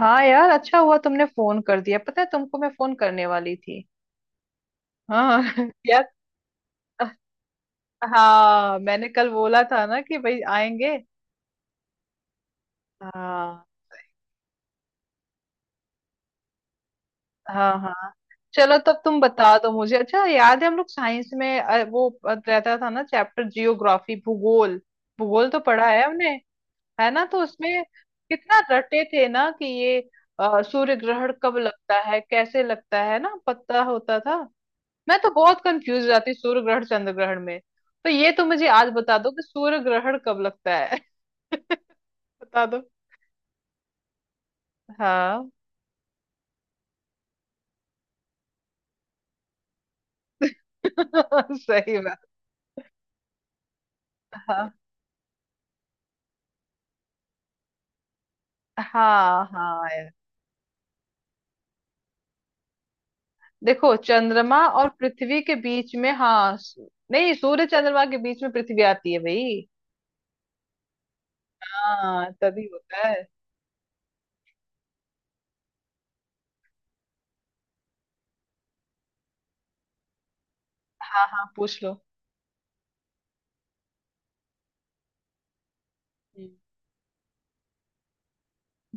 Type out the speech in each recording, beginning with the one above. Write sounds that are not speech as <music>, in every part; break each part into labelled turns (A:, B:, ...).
A: हाँ यार, अच्छा हुआ तुमने फोन कर दिया। पता है तुमको, मैं फोन करने वाली थी। हाँ <laughs> यार। हाँ, मैंने कल बोला था ना कि भाई आएंगे। हाँ। हाँ। हाँ। चलो, तब तुम बता दो मुझे। अच्छा याद है, हम लोग साइंस में वो रहता था ना चैप्टर, जियोग्राफी, भूगोल। भूगोल तो पढ़ा है हमने। है ना? तो उसमें कितना रटे थे ना कि ये सूर्य ग्रहण कब लगता है कैसे लगता है ना, पता होता था। मैं तो बहुत कंफ्यूज हो जाती हूँ सूर्य ग्रहण चंद्र ग्रहण में। तो ये तो मुझे आज बता दो कि सूर्य ग्रहण कब लगता है। <laughs> बता दो। हाँ। <laughs> सही बात। हाँ हाँ। हाँ यार। देखो, चंद्रमा और पृथ्वी के बीच में, हाँ, नहीं, सूर्य चंद्रमा के बीच में पृथ्वी आती है भाई। हाँ, तभी होता है। हाँ हाँ, पूछ लो। हम्म।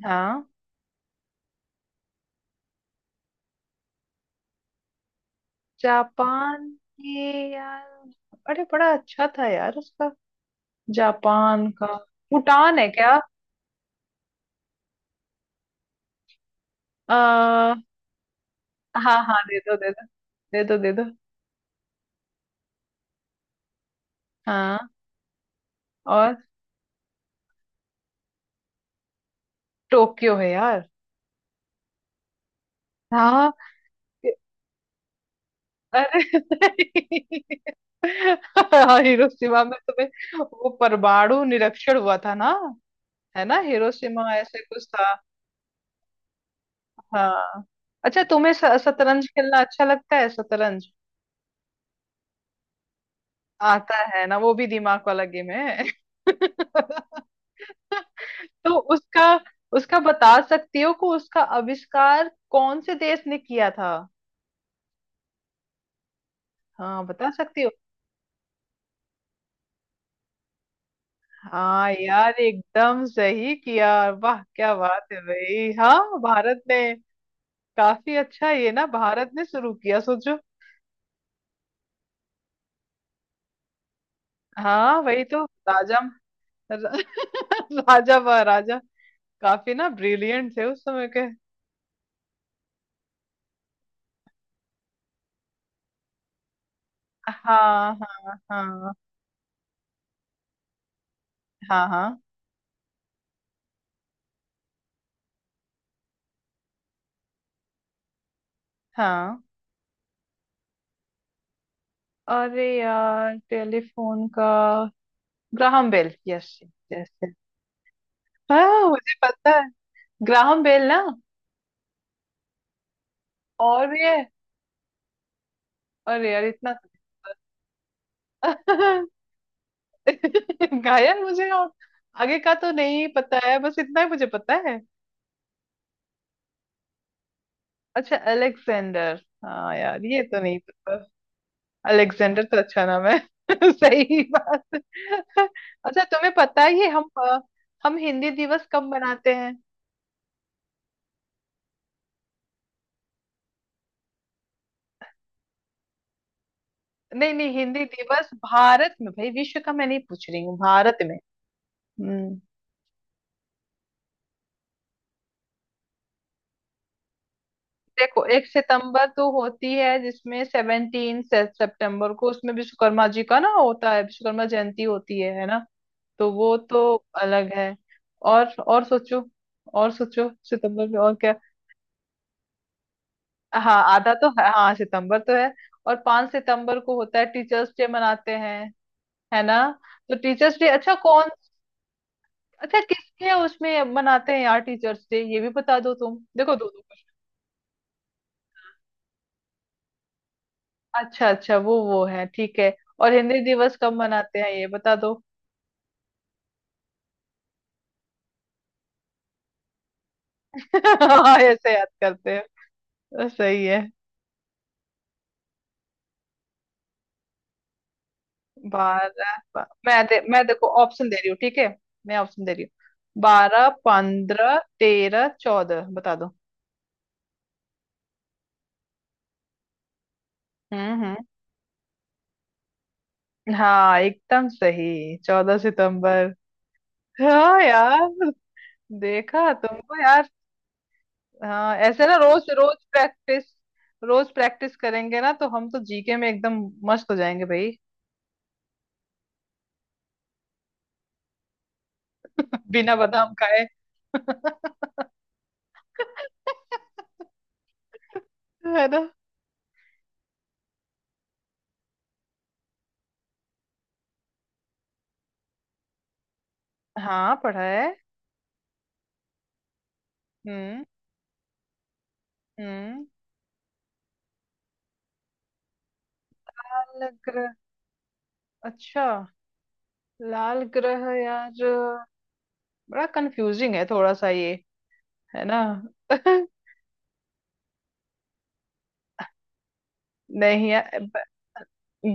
A: हाँ, जापान के। यार, अरे बड़ा अच्छा था यार उसका, जापान का। भूटान है क्या? हाँ। हाँ, दे दो दे दो। दे दो दे दो। हाँ। और टोक्यो है यार। हाँ। अरे हाँ, हिरोशिमा में तुम्हें, वो परमाणु निरक्षण हुआ था ना? है ना, हिरोशिमा ऐसे कुछ था। हाँ। अच्छा, तुम्हें शतरंज खेलना अच्छा लगता है? शतरंज आता है ना, वो भी दिमाग वाला गेम है। <laughs> तो उसका, उसका बता सकती हो कि उसका आविष्कार कौन से देश ने किया था? हाँ, बता सकती हो? हाँ यार, एकदम सही किया। वाह क्या बात है भाई, हाँ, भारत ने। काफी अच्छा ये ना, भारत ने शुरू किया, सोचो। हाँ, वही तो। राजा र- <laughs> राजा महाराजा काफी ना ब्रिलियंट थे उस समय के। हाँ हाँ हाँ हाँ हाँ हाँ। अरे यार, टेलीफोन का ग्राहम बेल, यस। यस, हाँ मुझे पता है। ग्राहम बेल ना। और भी है? अरे यार, इतना <laughs> <laughs> गायन मुझे और आगे का तो नहीं पता है, बस इतना ही मुझे पता है। अच्छा, अलेक्जेंडर, हाँ यार, ये तो नहीं पता। अलेक्जेंडर तो अच्छा नाम है। <laughs> सही बात। अच्छा, तुम्हें पता है, ये हम हम हिंदी दिवस कब मनाते हैं? नहीं नहीं, हिंदी दिवस भारत में भाई, विश्व का मैं नहीं पूछ रही हूँ, भारत में। हम्म। देखो, 1 सितंबर तो होती है जिसमें 17 सितंबर को उसमें विश्वकर्मा जी का ना होता है, विश्वकर्मा जयंती होती है ना? तो वो तो अलग है। और सोचो, और सोचो, सितंबर में और क्या? हाँ आधा तो है, हाँ सितंबर तो है। और 5 सितंबर को होता है, टीचर्स डे मनाते हैं। है ना? तो टीचर्स डे अच्छा कौन, अच्छा किसके उसमें मनाते हैं यार टीचर्स डे ये भी बता दो तुम। देखो, दो, दो कुछ। अच्छा अच्छा, वो है, ठीक है। और हिंदी दिवस कब मनाते हैं ये बता दो। <laughs> हाँ, ऐसे याद करते हैं, सही है। 12। मैं देखो, ऑप्शन दे रही हूँ ठीक है? मैं ऑप्शन दे रही हूँ, 12, 15, 13, 14 बता दो। हम्म। हाँ एकदम सही, 14 सितंबर। हाँ यार। देखा तुमको यार। हाँ, ऐसे ना, रोज रोज प्रैक्टिस। रोज प्रैक्टिस करेंगे ना तो हम तो जीके में एकदम मस्त हो जाएंगे भाई। <laughs> बिना बादाम खाए। <laughs> है ना? हाँ, पढ़ा है। हम्म हम्म। अलग। अच्छा, लाल ग्रह यार, बड़ा कंफ्यूजिंग है थोड़ा सा ये, है ना? <laughs> नहीं यार,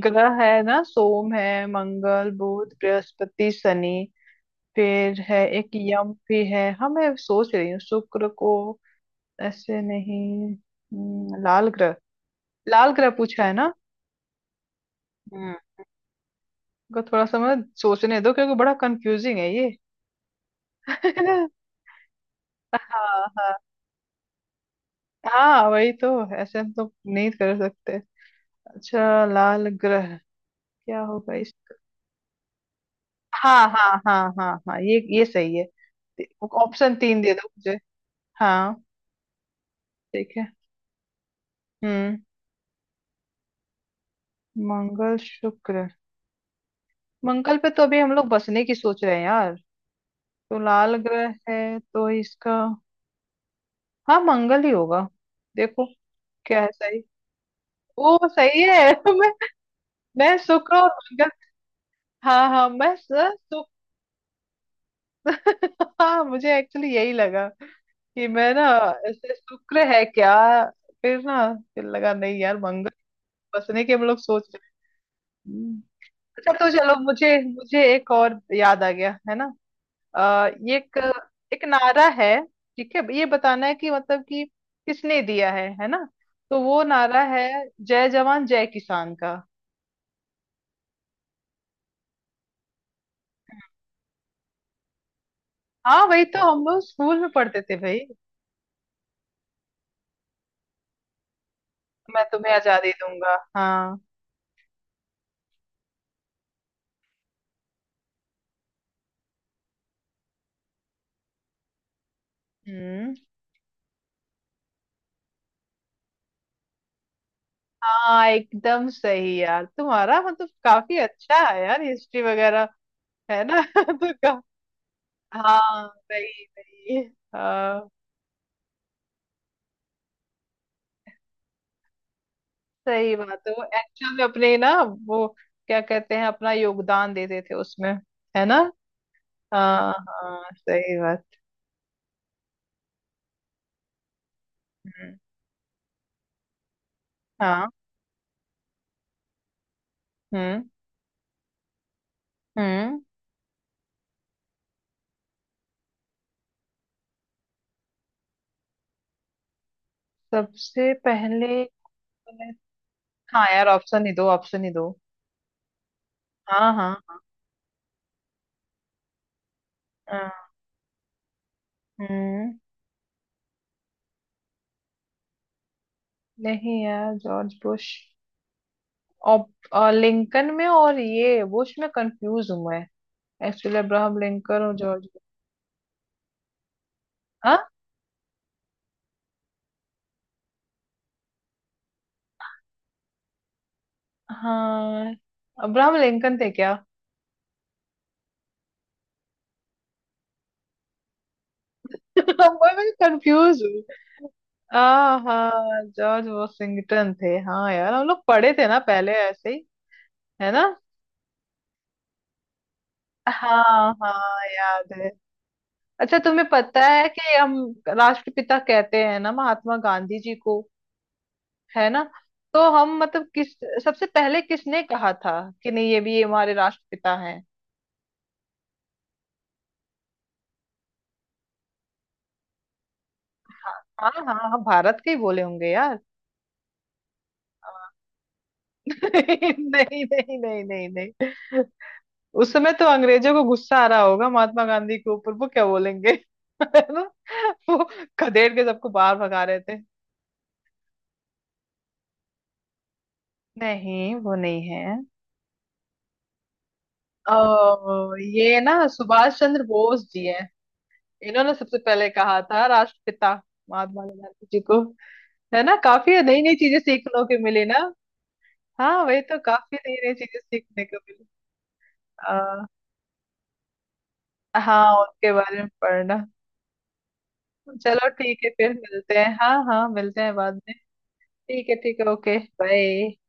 A: ग्रह है ना, सोम है, मंगल, बुध, बृहस्पति, शनि। फिर है, एक यम भी है। हाँ, मैं सोच रही हूँ शुक्र को। ऐसे नहीं, लाल ग्रह। लाल ग्रह पूछा है ना? हम्म को थोड़ा सा मैं सोचने दो क्योंकि बड़ा कंफ्यूजिंग है ये। <laughs> हाँ हाँ। हाँ वही तो, ऐसे हम तो नहीं कर सकते। अच्छा, लाल ग्रह क्या होगा इस। हाँ हाँ हाँ हाँ हाँ, ये सही है। ऑप्शन तीन दे दो मुझे। हाँ, ठीक है। हम्म। मंगल, शुक्र। मंगल पे तो अभी हम लोग बसने की सोच रहे हैं यार। तो लाल ग्रह है तो इसका, हाँ, मंगल ही होगा। देखो, क्या है सही। ओ सही है। <laughs> मैं मैं शुक्र और मंगल, हाँ हाँ, मैं सर शुक्र, <laughs> हाँ मुझे एक्चुअली यही लगा कि मैं ना, ऐसे शुक्र है क्या? फिर ना, फिर लगा नहीं यार, मंगल बसने की हम लोग सोच रहे हैं। हम्म। अच्छा, तो चलो, मुझे मुझे एक और याद आ गया है ना। ये एक, एक नारा है। ठीक है, ये बताना है कि मतलब कि किसने दिया है ना? तो वो नारा है जय जवान जय किसान का। हाँ वही तो, हम लोग स्कूल में पढ़ते थे भाई। मैं तुम्हें आजादी दूंगा। हाँ। हम्म। हाँ एकदम सही यार, तुम्हारा मतलब काफी अच्छा है यार, हिस्ट्री वगैरह। है ना? <laughs> तो का। हाँ, सही सही। सही बात है, वो एक्चुअल में अपने ना, वो क्या कहते हैं, अपना योगदान देते थे उसमें, है ना? हाँ हाँ, सही बात। हम्म, हाँ। हम्म। हम्म। सबसे पहले? हाँ यार, ऑप्शन ही दो, ऑप्शन ही दो। हाँ। हाँ हाँ, हम्म। नहीं यार, जॉर्ज बुश, और, और लिंकन में और ये बुश में कंफ्यूज हूँ मैं। एक्चुअली अब्राहम लिंकन और जॉर्ज बुश। हाँ। हाँ, अब्राहम लिंकन थे क्या? <laughs> मैं कंफ्यूज हूँ। आ हाँ, जॉर्ज वॉशिंगटन थे। हाँ यार, हम लोग पढ़े थे ना पहले ऐसे ही। है ना? हाँ हाँ, याद है। अच्छा, तुम्हें पता है कि हम राष्ट्रपिता कहते हैं ना महात्मा गांधी जी को, है ना? तो हम मतलब किस, सबसे पहले किसने कहा था कि नहीं ये भी हमारे राष्ट्रपिता हैं? हाँ हाँ हाँ हाँ, भारत के ही बोले होंगे यार। नहीं, <laughs> नहीं नहीं नहीं नहीं नहीं। उस समय तो अंग्रेजों को गुस्सा आ रहा होगा महात्मा गांधी के ऊपर, वो क्या बोलेंगे? <laughs> है ना? वो खदेड़ के सबको बाहर भगा रहे थे। नहीं, वो नहीं है। ओ, ये ना सुभाष चंद्र बोस जी हैं, इन्होंने सबसे पहले कहा था राष्ट्रपिता महात्मा गांधी जी को। है ना, काफी नई नई चीजें सीखने को मिली ना। हाँ वही तो, काफी नई नई चीजें सीखने को मिली। आ, हाँ, उनके बारे में पढ़ना। चलो ठीक है, फिर मिलते हैं, हाँ हाँ, मिलते हैं बाद में। ठीक है ठीक है, ओके बाय।